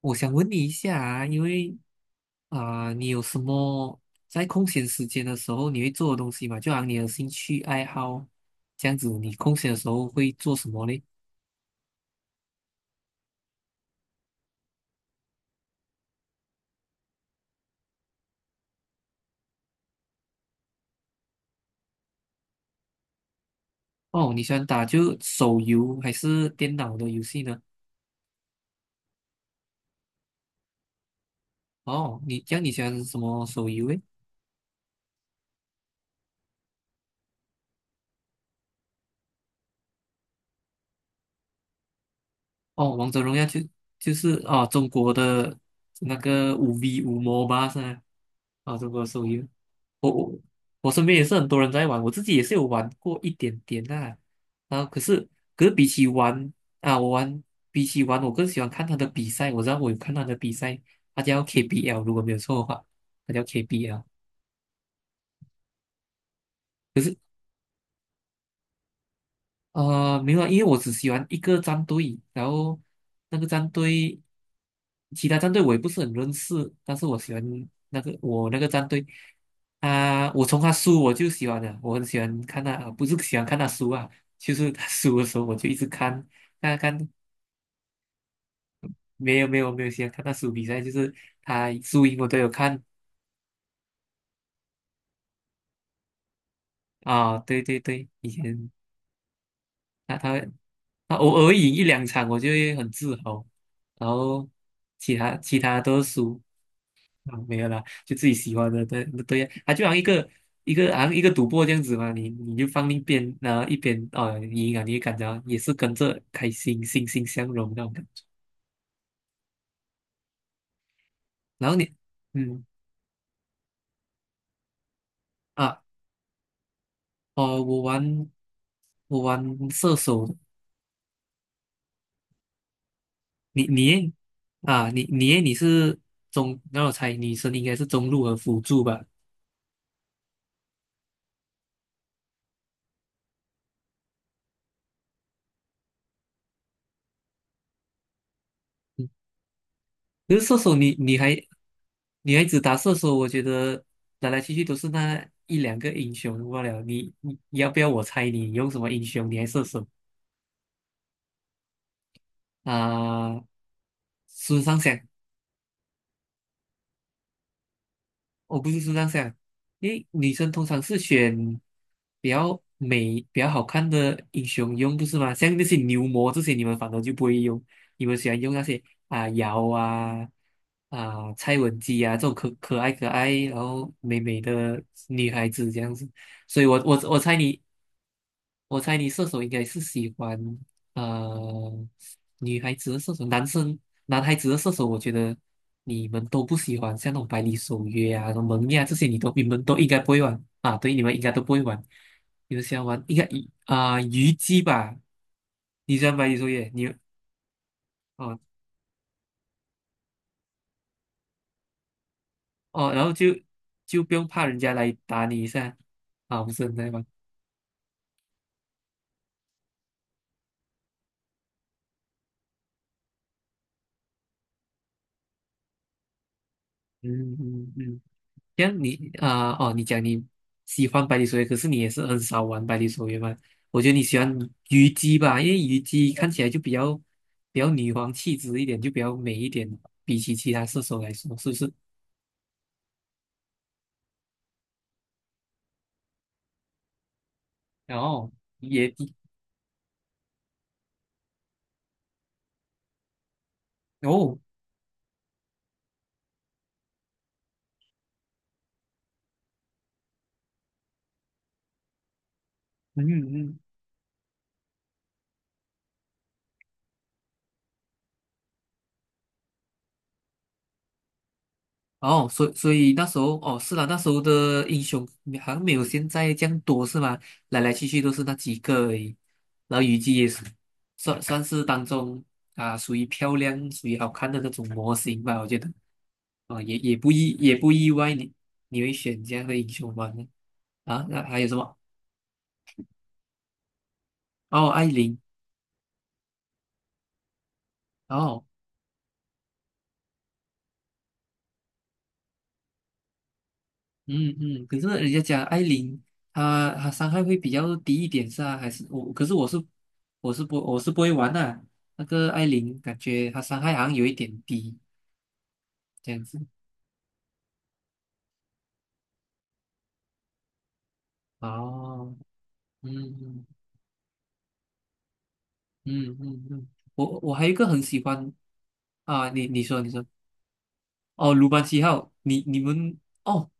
我想问你一下啊，因为你有什么在空闲时间的时候你会做的东西嘛？就好像你的兴趣爱好这样子，你空闲的时候会做什么嘞？哦，你喜欢打就手游还是电脑的游戏呢？哦，你这样你喜欢什么手游诶？哦，王者荣耀就是啊，中国的那个五 V 五 m 吧是吧？哦，中国手游。我我我身边也是很多人在玩，我自己也是有玩过一点点啦、然后可是比起玩啊，我玩比起玩，我更喜欢看他的比赛。我知道我有看他的比赛，他叫 KBL,如果没有错的话，他叫 KBL。可是没有啊，因为我只喜欢一个战队，然后那个战队其他战队我也不是很认识，但是我喜欢我那个战队啊，我从他输我就喜欢的，我很喜欢看他，啊，不是喜欢看他输啊，就是他输的时候我就一直看，看看没有没有没有喜欢看他输比赛，就是他输赢我都有看啊，对对对，以前他他他偶尔赢一两场我就会很自豪，然后其他都是输。啊，没有啦，就自己喜欢的，对对呀，啊，就好像一个赌博这样子嘛，你就放一边，然后一边哦赢啊，你就感觉也是跟着开心，欣欣向荣那种感觉。然后你，嗯啊，哦，我玩射手的。你你诶啊，你你诶你是中，那我猜，你是应该是中路和辅助吧？嗯可是射手你，你还女孩子打射手，我觉得来来去去都是那一两个英雄罢了。你要不要我猜你用什么英雄？你还射手啊？孙尚香。我不是这样想，因为女生通常是选比较美、比较好看的英雄用，不是吗？像那些牛魔这些，你们反而就不会用，你们喜欢用那些啊瑶啊、啊蔡文姬啊，这种可爱，然后美美的女孩子这样子。所以我猜你射手应该是喜欢呃女孩子的射手，男孩子的射手，我觉得你们都不喜欢，像那种百里守约啊、什么蒙面啊这些，你们都应该不会玩啊。对，你们应该都不会玩，你们喜欢玩应该以啊、虞姬吧？你喜欢百里守约，哦哦，然后就不用怕人家来打你一下。啊，不是很在玩。嗯嗯嗯。这样哦，你讲你喜欢百里守约，可是你也是很少玩百里守约嘛？我觉得你喜欢虞姬吧，因为虞姬看起来就比较女皇气质一点，就比较美一点，比起其他射手来说，是不是？然后也哦，嗯嗯。哦，所以那时候哦，是啦，那时候的英雄好像没有现在这样多，是吗？来来去去都是那几个而已。然后虞姬也是算是当中啊，属于漂亮、属于好看的那种模型吧，我觉得啊，也不意外，你，你会选这样的英雄吧？啊，那还有什么？哦，艾琳。哦，嗯嗯，可是人家讲艾琳，她伤害会比较低一点，是啊，还是我？可是我是我是不会玩的啊，那个艾琳感觉她伤害好像有一点低这样子。哦，嗯嗯嗯嗯嗯，我还有一个很喜欢。啊，你说。哦，鲁班七号，你们。哦，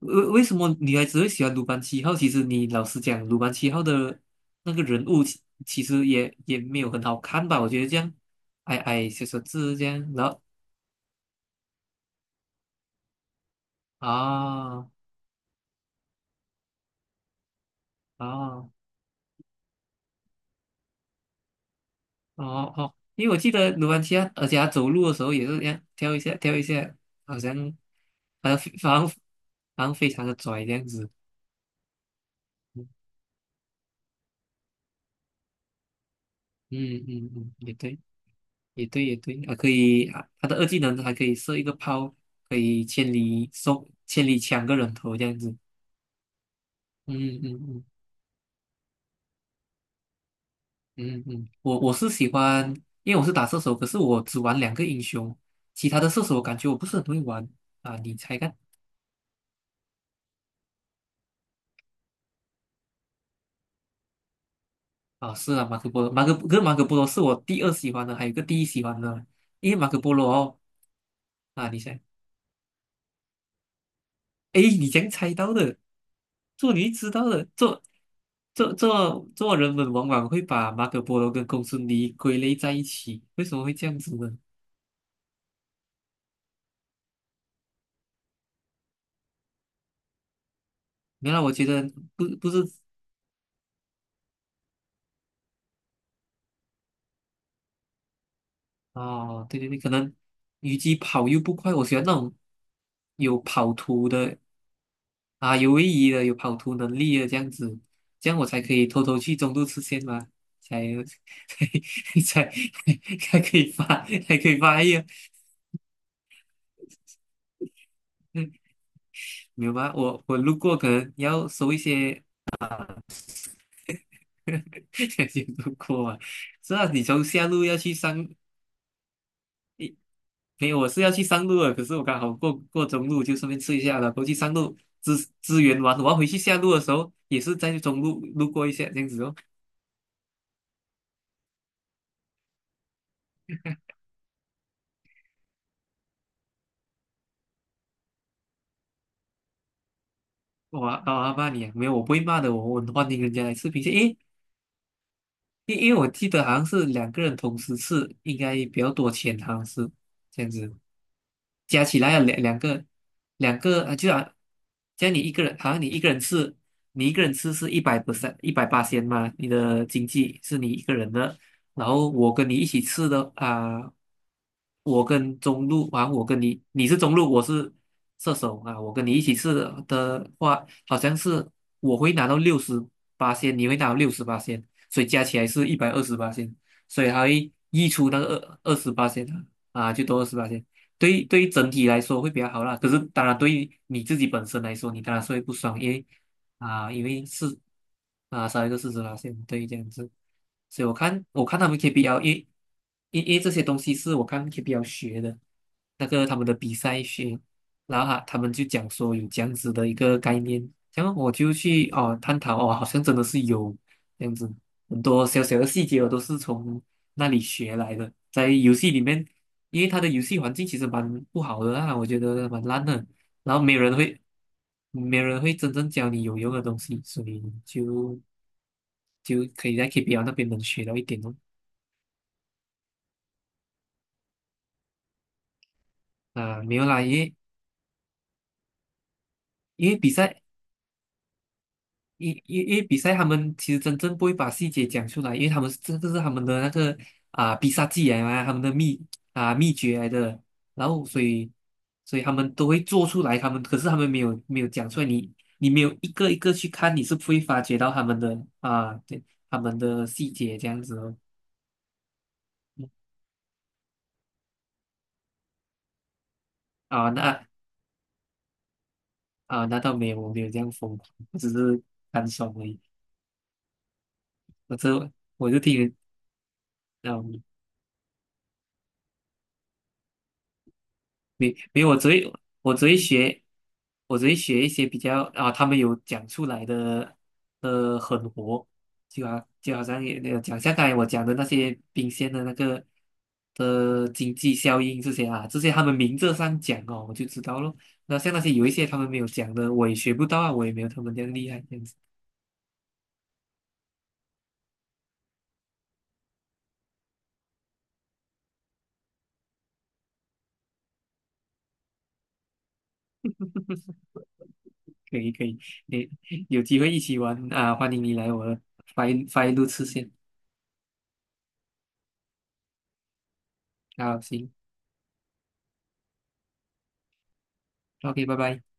为什么女孩子会喜欢鲁班七号？其实你老实讲，鲁班七号的那个人物其实也没有很好看吧？我觉得这样矮矮小小只这样，然后啊啊哦哦，因为我记得鲁班七号，而且他走路的时候也是这样跳一下跳一下，好像好像非好像好像非常的拽这样子。嗯嗯嗯，嗯也对。也对，也对，啊，可以啊，他的二技能还可以射一个炮，可以千里送、千里抢个人头这样子。嗯嗯嗯嗯嗯，我我是喜欢，因为我是打射手，可是我只玩两个英雄，其他的射手我感觉我不是很会玩啊。你猜看。啊？是啊，马可波罗，马可跟马可波罗是我第二喜欢的，还有一个第一喜欢的，因为马可波罗哦。啊，你猜。哎，你怎样猜到的？做你知道的，做做做做人们往往会把马可波罗跟公孙离归类在一起，为什么会这样子呢？原来我觉得不是。哦，对对对，可能虞姬跑又不快，我喜欢那种有跑图的啊，有位移的，有跑图能力的这样子，这样我才可以偷偷去中路吃线嘛，才 才才才可以发，才可以发 育。没有吧？我路过，可能要收一些。 有路过啊。是啊，你从下路要去上，没有，我是要去上路的，可是我刚好过中路，就顺便吃一下了。过去上路支援完，我要回去下路的时候，也是在中路路过一下这样子哦。我啊骂你啊，没有，我不会骂的，我很欢迎人家来吃螃蟹。诶，因为我记得好像是两个人同时吃，应该比较多钱，好像是这样子。加起来要两个啊，就啊，加你一个人，好像你一个人吃，你一个人吃是100% 一百八千嘛，你的经济是你一个人的，然后我跟你一起吃的啊、我跟中路啊，我跟你，你是中路，我是射手啊，我跟你一起试的话，好像是我会拿到六十八仙，你会拿到六十八仙，所以加起来是128仙，所以还会溢出那个二十八线啊，啊，就多二十八仙。对于整体来说会比较好啦，可是当然对于你自己本身来说，你当然是会不爽，因为啊，因为是啊，少一个市值拉线，对，这样子。所以我看他们 KPL,因为这些东西是我看 KPL 学的，那个他们的比赛学，然后他们就讲说有这样子的一个概念，然后我就去哦探讨哦，好像真的是有这样子，很多小小的细节我都是从那里学来的，在游戏里面，因为它的游戏环境其实蛮不好的啊，我觉得蛮烂的，然后没有人会，没人会真正教你有用的东西，所以就就可以在 KPL 那边能学到一点哦。啊，没有啦，因为因为比赛，因因因为比赛他们其实真正不会把细节讲出来，因为他们是这是他们的那个啊必杀技啊，他们的秘诀来的，然后所以他们都会做出来，他们可是他们没有讲出来，你没有一个一个去看，你是不会发觉到他们的啊对他们的细节这样子哦。啊，那啊，那倒没有，我没有这样疯狂，我只是单爽而已。我这我就听人，嗯，没有，我只会我只会学，学一些比较啊，他们有讲出来的狠活，就好像也讲像刚才我讲的那些冰鲜的那个的经济效应这些啊，这些他们明着上讲哦，我就知道咯。那像那些有一些他们没有讲的，我也学不到啊，我也没有他们这样厉害。这样子。可以可以，你有机会一起玩啊，欢迎你来我的发一路次线。好，行，OK,拜拜。